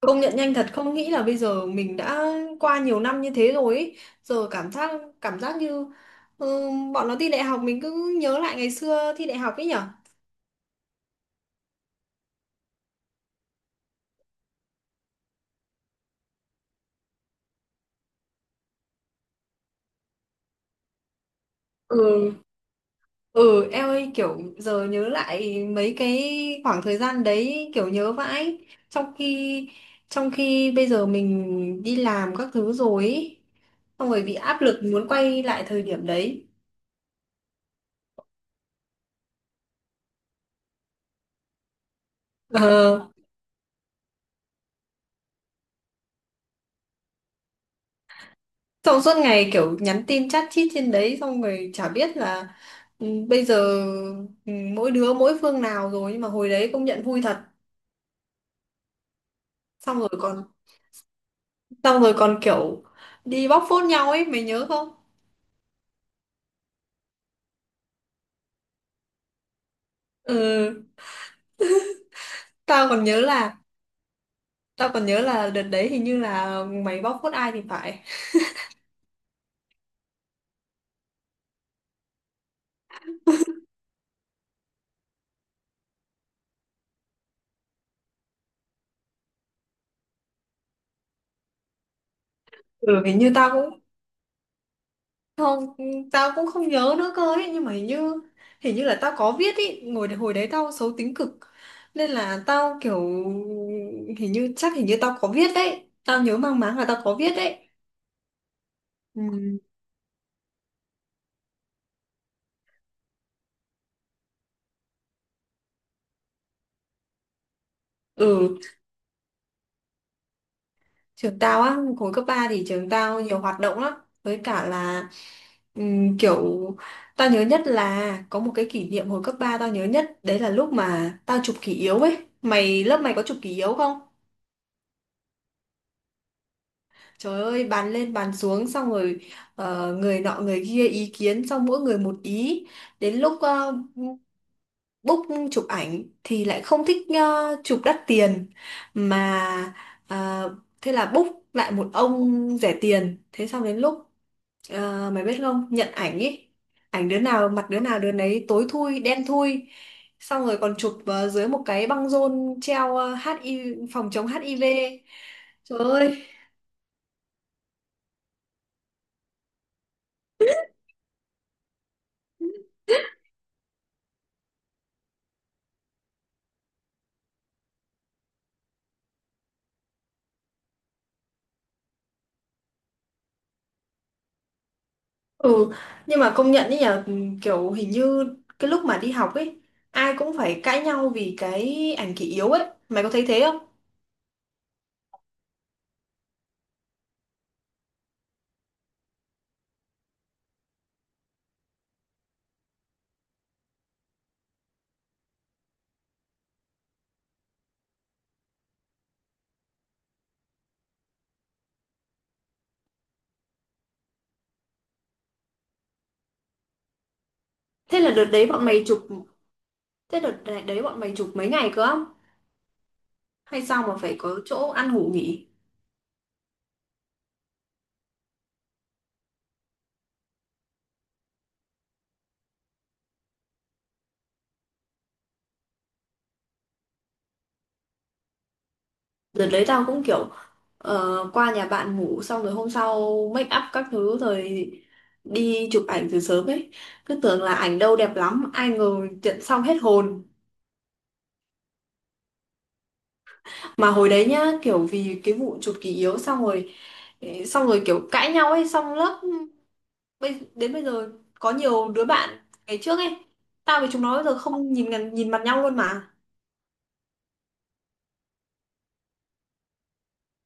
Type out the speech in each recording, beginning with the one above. Công nhận nhanh thật, không nghĩ là bây giờ mình đã qua nhiều năm như thế rồi ý. Giờ cảm giác như bọn nó thi đại học, mình cứ nhớ lại ngày xưa thi đại học ấy nhở. Ừ. Ừ, em ơi, kiểu giờ nhớ lại mấy cái khoảng thời gian đấy kiểu nhớ vãi, trong khi bây giờ mình đi làm các thứ rồi ý. Xong rồi bị áp lực muốn quay lại thời điểm đấy. ờ Xong suốt ngày kiểu nhắn tin chat chít trên đấy xong rồi chả biết là bây giờ mỗi đứa mỗi phương nào rồi, nhưng mà hồi đấy công nhận vui thật. Xong rồi còn kiểu đi bóc phốt nhau ấy, mày nhớ không? Ừ, tao còn nhớ là đợt đấy hình như là mày bóc phốt ai thì phải. Ừ, hình như Không, tao cũng không nhớ nữa cơ ấy, nhưng mà hình như là tao có viết ý, ngồi hồi đấy tao xấu tính cực. Nên là tao kiểu hình như chắc hình như tao có viết đấy. Tao nhớ mang máng là tao có viết đấy. Ừ. Ừ. Trường tao á, hồi cấp ba thì trường tao nhiều hoạt động lắm. Với cả là kiểu tao nhớ nhất là có một cái kỷ niệm hồi cấp 3 tao nhớ nhất, đấy là lúc mà tao chụp kỷ yếu ấy. Mày lớp mày có chụp kỷ yếu không? Trời ơi, bàn lên bàn xuống xong rồi, người nọ người kia ý kiến, xong mỗi người một ý. Đến lúc book chụp ảnh thì lại không thích chụp đắt tiền mà, ờ, thế là book lại một ông rẻ tiền. Thế xong đến lúc, mày biết không, nhận ảnh ý, ảnh đứa nào mặt đứa nào đứa nấy tối thui, đen thui. Xong rồi còn chụp dưới một cái băng rôn treo HIV, phòng chống HIV. Trời ơi. Ừ, nhưng mà công nhận ấy nhờ, kiểu hình như cái lúc mà đi học ấy ai cũng phải cãi nhau vì cái ảnh kỷ yếu ấy. Mày có thấy thế không? Thế là đợt đấy bọn mày chụp thế đợt đấy đấy bọn mày chụp mấy ngày cơ không? Hay sao mà phải có chỗ ăn ngủ nghỉ? Đợt đấy tao cũng kiểu ờ, qua nhà bạn ngủ, xong rồi hôm sau make up các thứ, rồi đi chụp ảnh từ sớm ấy. Cứ tưởng là ảnh đâu đẹp lắm, ai ngờ nhận xong hết hồn. Mà hồi đấy nhá, kiểu vì cái vụ chuột kỷ yếu xong rồi, kiểu cãi nhau ấy, xong lớp đến bây giờ có nhiều đứa bạn ngày trước ấy, tao với chúng nó bây giờ không nhìn nhìn mặt nhau luôn mà.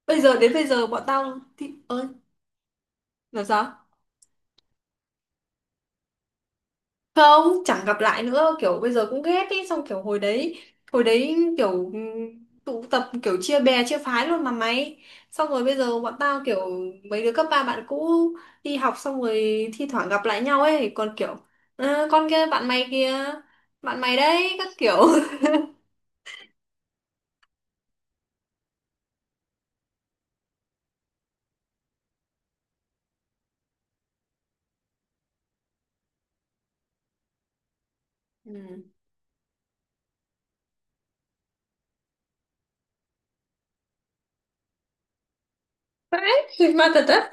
Bây giờ đến bây giờ bọn tao thì ơi làm sao, không chẳng gặp lại nữa, kiểu bây giờ cũng ghét ý, xong kiểu hồi đấy kiểu tụ tập kiểu chia bè chia phái luôn mà mày. Xong rồi bây giờ bọn tao kiểu mấy đứa cấp ba bạn cũ đi học xong rồi thi thoảng gặp lại nhau ấy còn kiểu "Ơ, con kia bạn mày kia, bạn mày đấy" các kiểu. Ừ. Đấy thì ma thật á.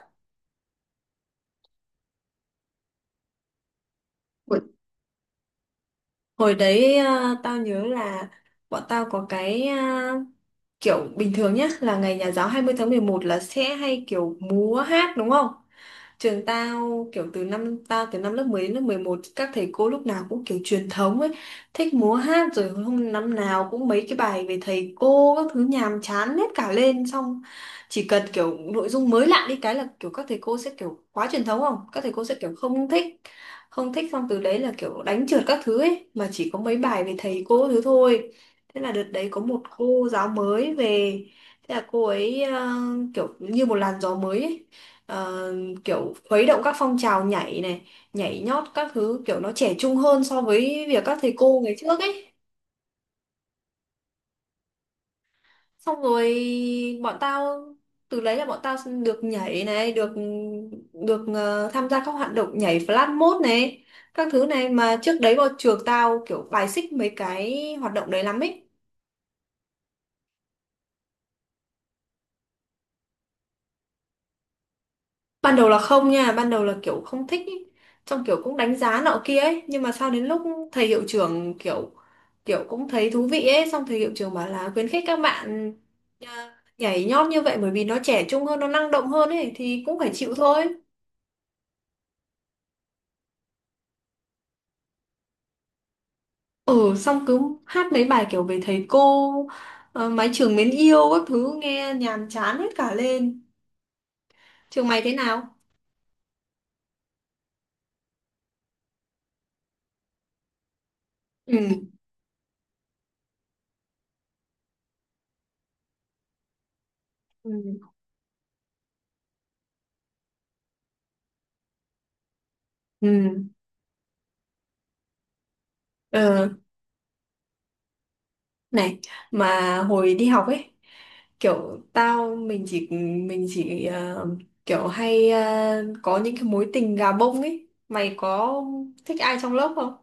Hồi hồi đấy, tao nhớ là bọn tao có cái, kiểu bình thường nhá, là ngày nhà giáo 20 tháng 11 là sẽ hay kiểu múa hát, đúng không? Trường tao kiểu từ năm lớp 10 đến lớp 11, các thầy cô lúc nào cũng kiểu truyền thống ấy, thích múa hát, rồi hôm năm nào cũng mấy cái bài về thầy cô các thứ nhàm chán hết cả lên. Xong chỉ cần kiểu nội dung mới lạ đi cái là kiểu các thầy cô sẽ kiểu quá truyền thống, không các thầy cô sẽ kiểu không thích không thích, xong từ đấy là kiểu đánh trượt các thứ ấy, mà chỉ có mấy bài về thầy cô thứ thôi. Thế là đợt đấy có một cô giáo mới về, thế là cô ấy kiểu như một làn gió mới ấy. Ờ, kiểu khuấy động các phong trào nhảy này, nhảy nhót các thứ, kiểu nó trẻ trung hơn so với việc các thầy cô ngày trước ấy. Xong rồi bọn tao, từ đấy là bọn tao được nhảy này, được được tham gia các hoạt động nhảy flash mob này các thứ, này mà trước đấy vào trường tao kiểu bài xích mấy cái hoạt động đấy lắm ấy. Ban đầu là không nha, ban đầu là kiểu không thích ý. Xong kiểu cũng đánh giá nọ kia ấy, nhưng mà sau đến lúc thầy hiệu trưởng kiểu kiểu cũng thấy thú vị ấy, xong thầy hiệu trưởng bảo là khuyến khích các bạn nhảy nhót như vậy, bởi vì nó trẻ trung hơn, nó năng động hơn ấy, thì cũng phải chịu thôi. Ừ, xong cứ hát mấy bài kiểu về thầy cô, mái trường mến yêu các thứ nghe nhàm chán hết cả lên. Trường mày thế nào? Ừ. Ừ. Ừ. Ờ. Này, mà hồi đi học ấy kiểu tao, mình chỉ mình chỉ ờ, kiểu hay có những cái mối tình gà bông ấy, mày có thích ai trong lớp không?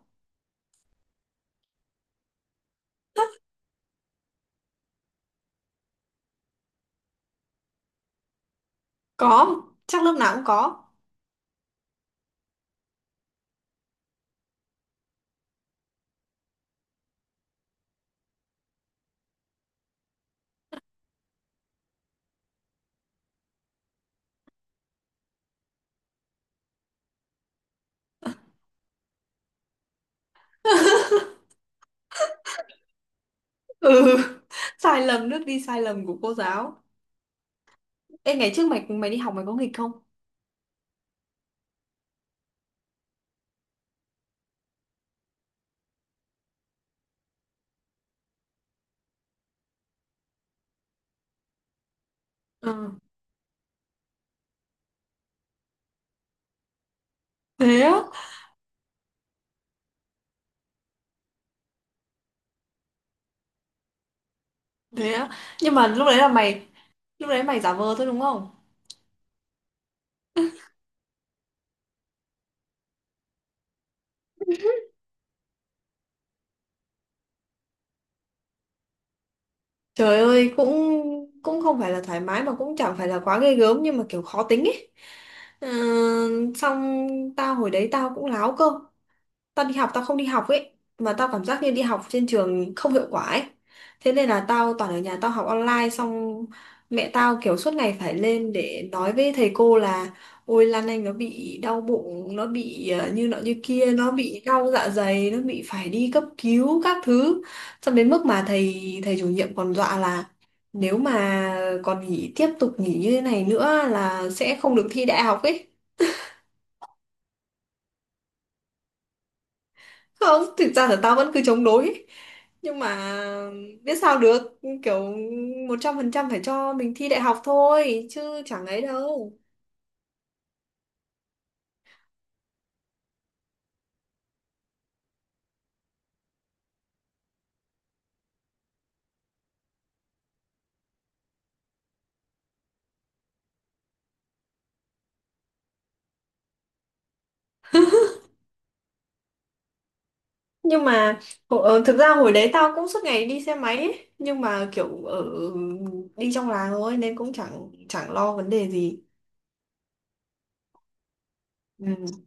Có, chắc lớp nào cũng có. Ừ. Sai lầm, nước đi sai lầm của cô giáo. Ê, ngày trước mày mày đi học mày có nghịch không? Ừ. Thế á? Thế á? Nhưng mà lúc đấy mày giả vờ thôi đúng không? Trời ơi, cũng cũng không phải là thoải mái mà cũng chẳng phải là quá ghê gớm, nhưng mà kiểu khó tính ấy. Ờ, xong tao hồi đấy tao cũng láo cơ, tao không đi học ấy, mà tao cảm giác như đi học trên trường không hiệu quả ấy. Thế nên là tao toàn ở nhà tao học online, xong mẹ tao kiểu suốt ngày phải lên để nói với thầy cô là ôi Lan Anh nó bị đau bụng, nó bị như nọ như kia, nó bị đau dạ dày, nó bị phải đi cấp cứu các thứ. Xong đến mức mà thầy thầy chủ nhiệm còn dọa là nếu mà còn nghỉ tiếp tục nghỉ như thế này nữa là sẽ không được thi đại học ấy. Không, thực ra là tao vẫn cứ chống đối, nhưng mà biết sao được, kiểu 100% phải cho mình thi đại học thôi chứ chẳng ấy đâu. Nhưng mà thực ra hồi đấy tao cũng suốt ngày đi xe máy ấy. Nhưng mà kiểu ở đi trong làng thôi nên cũng chẳng chẳng lo vấn đề gì. Ừ.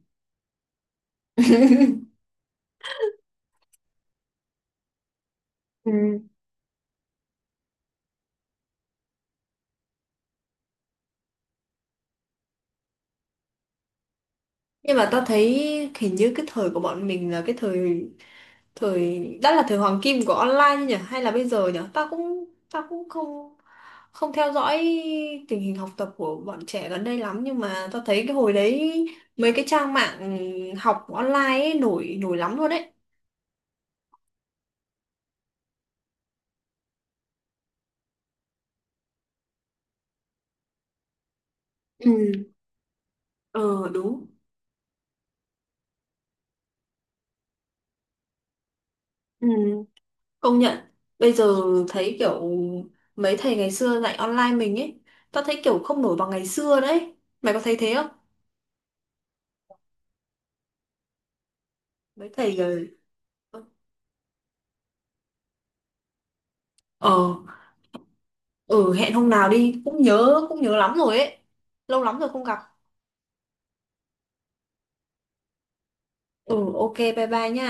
Nhưng mà tao thấy hình như cái thời của bọn mình là cái thời, thời đã là thời hoàng kim của online nhỉ, hay là bây giờ nhỉ? Tao cũng không không theo dõi tình hình học tập của bọn trẻ gần đây lắm, nhưng mà tao thấy cái hồi đấy mấy cái trang mạng học online ấy nổi nổi lắm luôn đấy. Ừ, ờ đúng, ừ, công nhận. Bây giờ thấy kiểu mấy thầy ngày xưa dạy online mình ấy, tao thấy kiểu không nổi bằng ngày xưa đấy, mày có thấy thế không? Mấy thầy rồi. Ờ. Ừ, hẹn hôm nào đi, cũng nhớ, cũng nhớ lắm rồi ấy. Lâu lắm rồi không gặp. Ừ, ok, bye bye nha.